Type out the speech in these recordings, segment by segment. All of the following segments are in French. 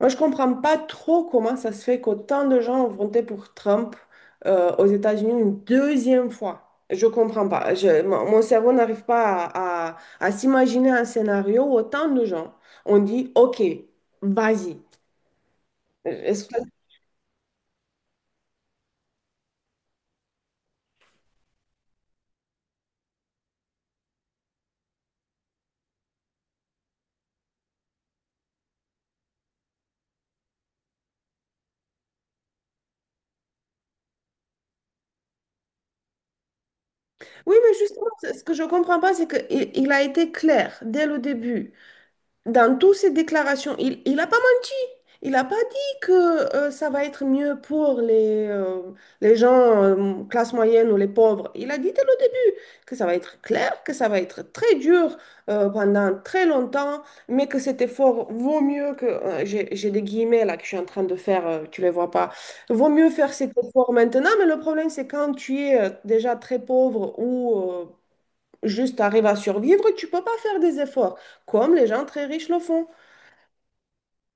Moi, je comprends pas trop comment ça se fait qu'autant de gens ont voté pour Trump aux États-Unis une deuxième fois. Je comprends pas. Mon cerveau n'arrive pas à s'imaginer un scénario où autant de gens ont dit, OK, vas-y. Euh, Est-ce que- Oui, mais justement, ce que je comprends pas, c'est qu'il il a été clair dès le début, dans toutes ses déclarations. Il a pas menti. Il n'a pas dit que ça va être mieux pour les gens classe moyenne ou les pauvres. Il a dit dès le début que ça va être clair, que ça va être très dur pendant très longtemps, mais que cet effort vaut mieux que… j'ai des guillemets là que je suis en train de faire, tu les vois pas. Vaut mieux faire cet effort maintenant, mais le problème c'est quand tu es déjà très pauvre ou juste tu arrives à survivre, tu peux pas faire des efforts, comme les gens très riches le font.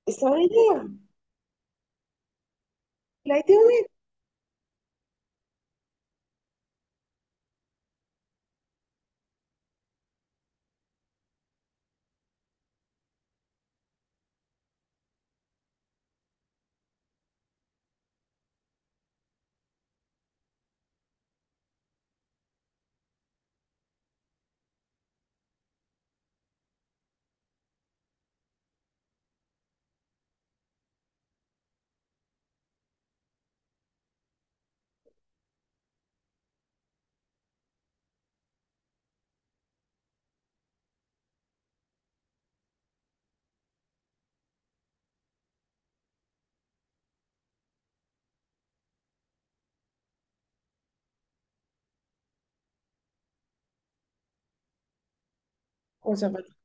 Et ça, il a été oui, conservateur.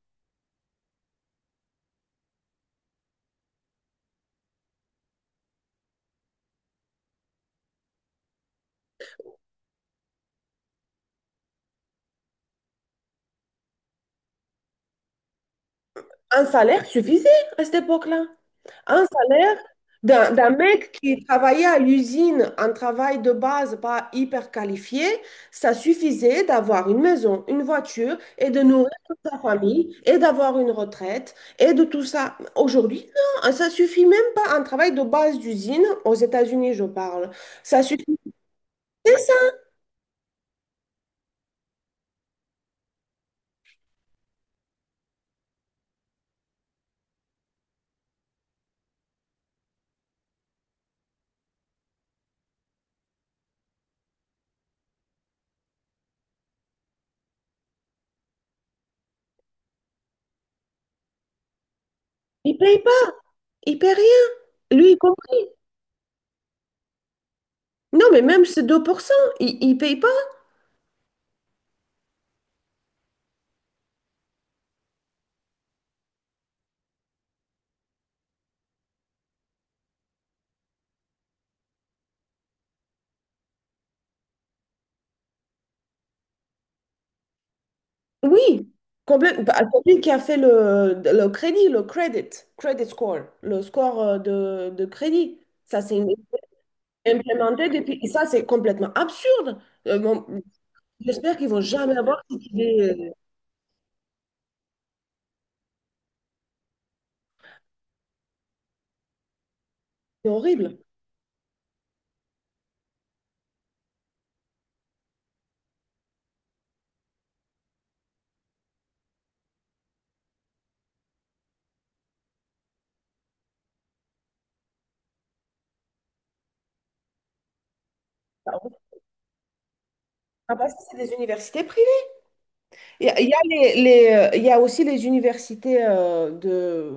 Un salaire suffisait à cette époque-là. Un salaire d'un mec qui travaillait à l'usine, un travail de base pas hyper qualifié, ça suffisait d'avoir une maison, une voiture et de nourrir toute sa famille et d'avoir une retraite et de tout ça. Aujourd'hui, non, ça suffit même pas. Un travail de base d'usine, aux États-Unis, je parle, ça suffisait ça. Ils payent pas, ils payent rien. Lui, il compris. Non, mais même ces 2%, il ne paye pas. Oui, complètement. Celui qui a fait le crédit, le credit, credit score, le score euh, de de crédit, ça c'est implémenté depuis. Et ça, c'est complètement absurde. Bon, j'espère qu'ils vont jamais avoir cette idée. C'est horrible. Ah, bon. Ah, parce que c'est des universités privées. Il y a il y a aussi les universités euh,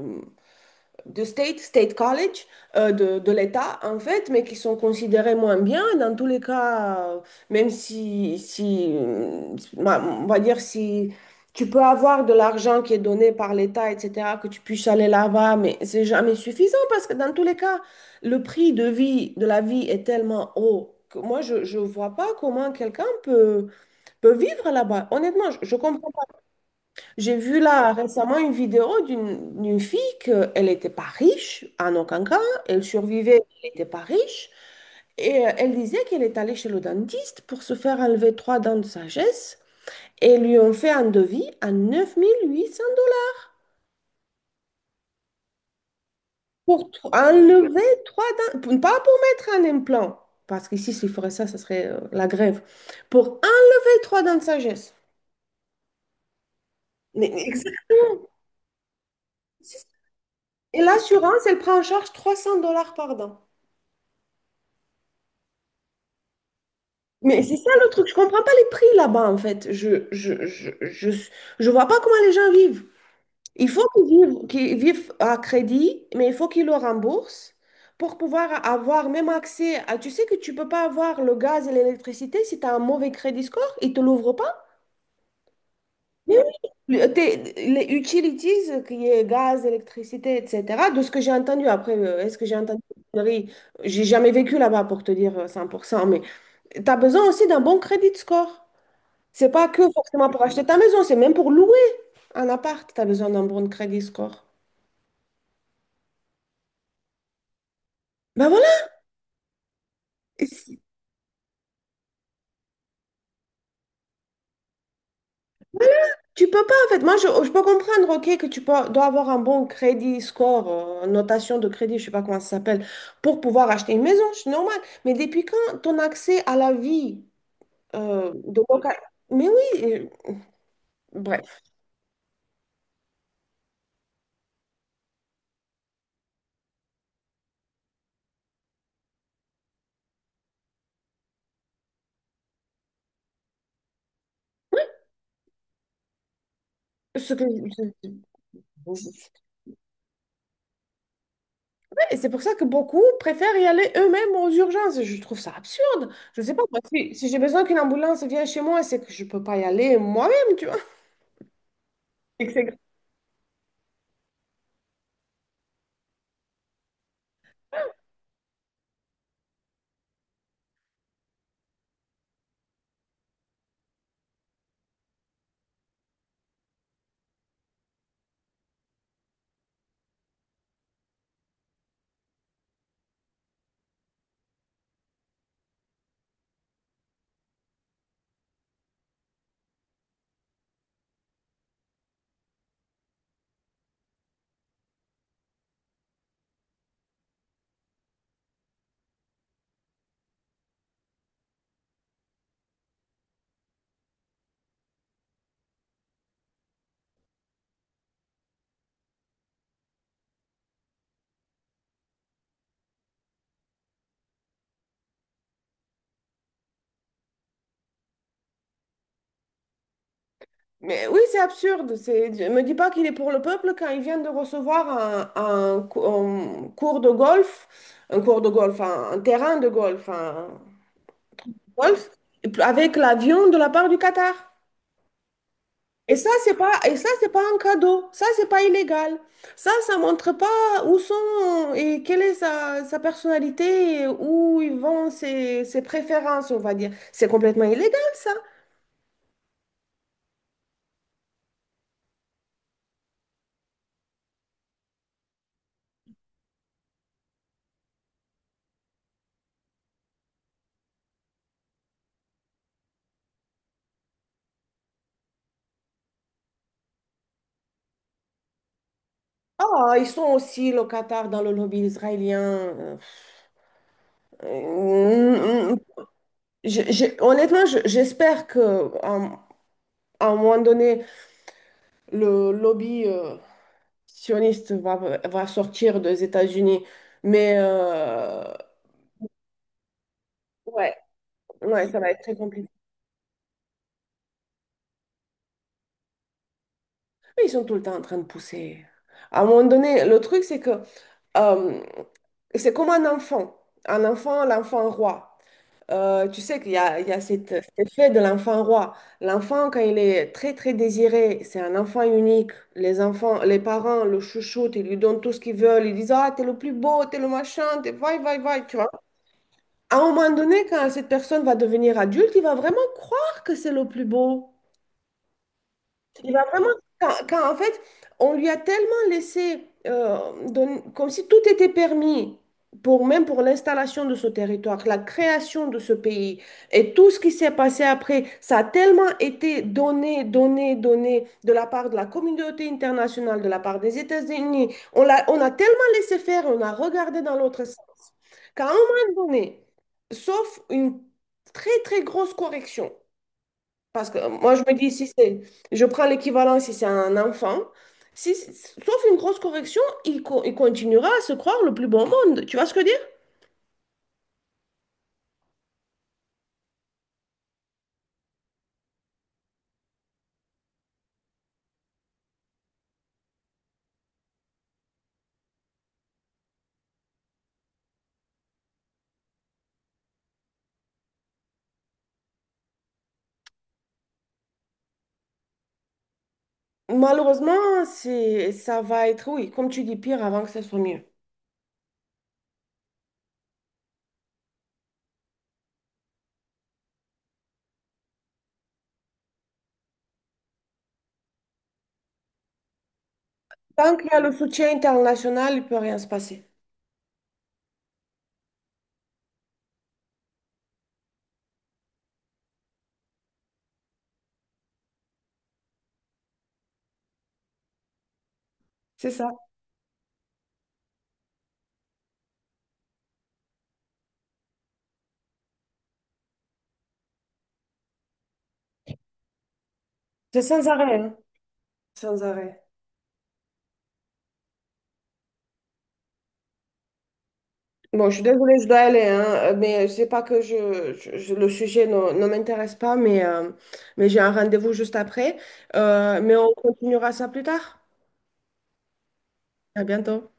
de state, state college, euh, de l'État, en fait, mais qui sont considérés moins bien. Dans tous les cas, même si, bah, on va dire, si tu peux avoir de l'argent qui est donné par l'État, etc., que tu puisses aller là-bas, mais c'est jamais suffisant parce que dans tous les cas, le prix de vie, de la vie est tellement haut. Que moi, je ne vois pas comment quelqu'un peut vivre là-bas. Honnêtement, je comprends j'ai vu là récemment une vidéo d'une fille qu'elle n'était pas riche en aucun cas, elle survivait, elle n'était pas riche, et elle disait qu'elle est allée chez le dentiste pour se faire enlever trois dents de sagesse, et lui ont fait un devis à 9 800 dollars pour enlever trois dents, pas pour mettre un implant, parce qu'ici s'il ferait ça, ça serait la grève, pour enlever trois dents de sagesse. Mais- mais exact- Et l'assurance, elle prend en charge 300 dollars par dent. Mais c'est ça le truc, je comprends pas les prix là-bas en fait. Je vois pas comment les gens vivent. Il faut qu'ils vivent à crédit, mais il faut qu'ils le remboursent pour pouvoir avoir même accès à… Tu sais que tu peux pas avoir le gaz et l'électricité si tu as un mauvais crédit score, ils te l'ouvrent pas. Mais oui. Les utilities, qui est gaz, électricité, etc., de ce que j'ai entendu, après, est-ce que j'ai entendu une connerie. J'ai jamais vécu là-bas pour te dire 100%, mais tu as besoin aussi d'un bon crédit score. C'est pas que forcément pour acheter ta maison, c'est même pour louer un appart, tu as besoin d'un bon crédit score. Ben voilà, et si- tu peux pas en fait. Moi, je peux comprendre, ok, que tu dois avoir un bon crédit score, notation de crédit, je sais pas comment ça s'appelle, pour pouvoir acheter une maison, c'est normal. Mais depuis quand ton accès à la vie de local… Mais oui, bref, ce que… Et c'est pour ça que beaucoup préfèrent y aller eux-mêmes aux urgences. Je trouve ça absurde. Je sais pas, moi, si j'ai besoin qu'une ambulance vienne chez moi, c'est que je peux pas y aller moi-même, tu vois. Et que c'est- Mais oui, c'est absurde. C'est… Ne me dis pas qu'il est pour le peuple quand il vient de recevoir un cours de golf, un cours de golf, un terrain de golf, un golf, avec l'avion de la part du Qatar. Et ça, c'est pas un cadeau. Ça, c'est pas illégal. Ça montre pas où sont et quelle est sa personnalité et où ils vont ses préférences, on va dire. C'est complètement illégal, ça. Ah, ils sont aussi locataires dans le lobby israélien. Euh, euh, honnêtement, j'espère que à un moment donné, le lobby sioniste va sortir des États-Unis. Mais euh, ouais, Ouais, ça va être très compliqué. Mais ils sont tout le temps en train de pousser. À un moment donné, le truc, c'est que euh, c'est comme un enfant. Un enfant, l'enfant roi. Tu sais qu'il y a cet effet de l'enfant roi. L'enfant, quand il est très, très désiré, c'est un enfant unique. Les enfants, les parents le chouchoutent, ils lui donnent tout ce qu'ils veulent. Ils disent, ah, t'es le plus beau, t'es le machin, t'es vai, vai, vai, tu vois. À un moment donné, quand cette personne va devenir adulte, il va vraiment croire que c'est le plus beau. Il va vraiment, en fait, on lui a tellement laissé, comme si tout était permis, pour, même pour l'installation de ce territoire, la création de ce pays, et tout ce qui s'est passé après, ça a tellement été donné, donné, donné de la part de la communauté internationale, de la part des États-Unis. On a tellement laissé faire, on a regardé dans l'autre sens, qu'à un moment donné, sauf une très, très grosse correction, parce que moi, je me dis, si c'est, je prends l'équivalent si c'est un enfant, si, sauf une grosse correction, il continuera à se croire le plus bon monde. Tu vois ce que je veux dire? Malheureusement, c'est, ça va être, oui, comme tu dis, pire avant que ça soit mieux. Tant qu'il y a le soutien international, il ne peut rien se passer. C'est ça. C'est sans arrêt, hein. Sans arrêt. Bon, je suis désolée, je dois aller, hein, mais c'est pas que le sujet ne m'intéresse pas, mais j'ai un rendez-vous juste après. Mais on continuera ça plus tard. À bientôt.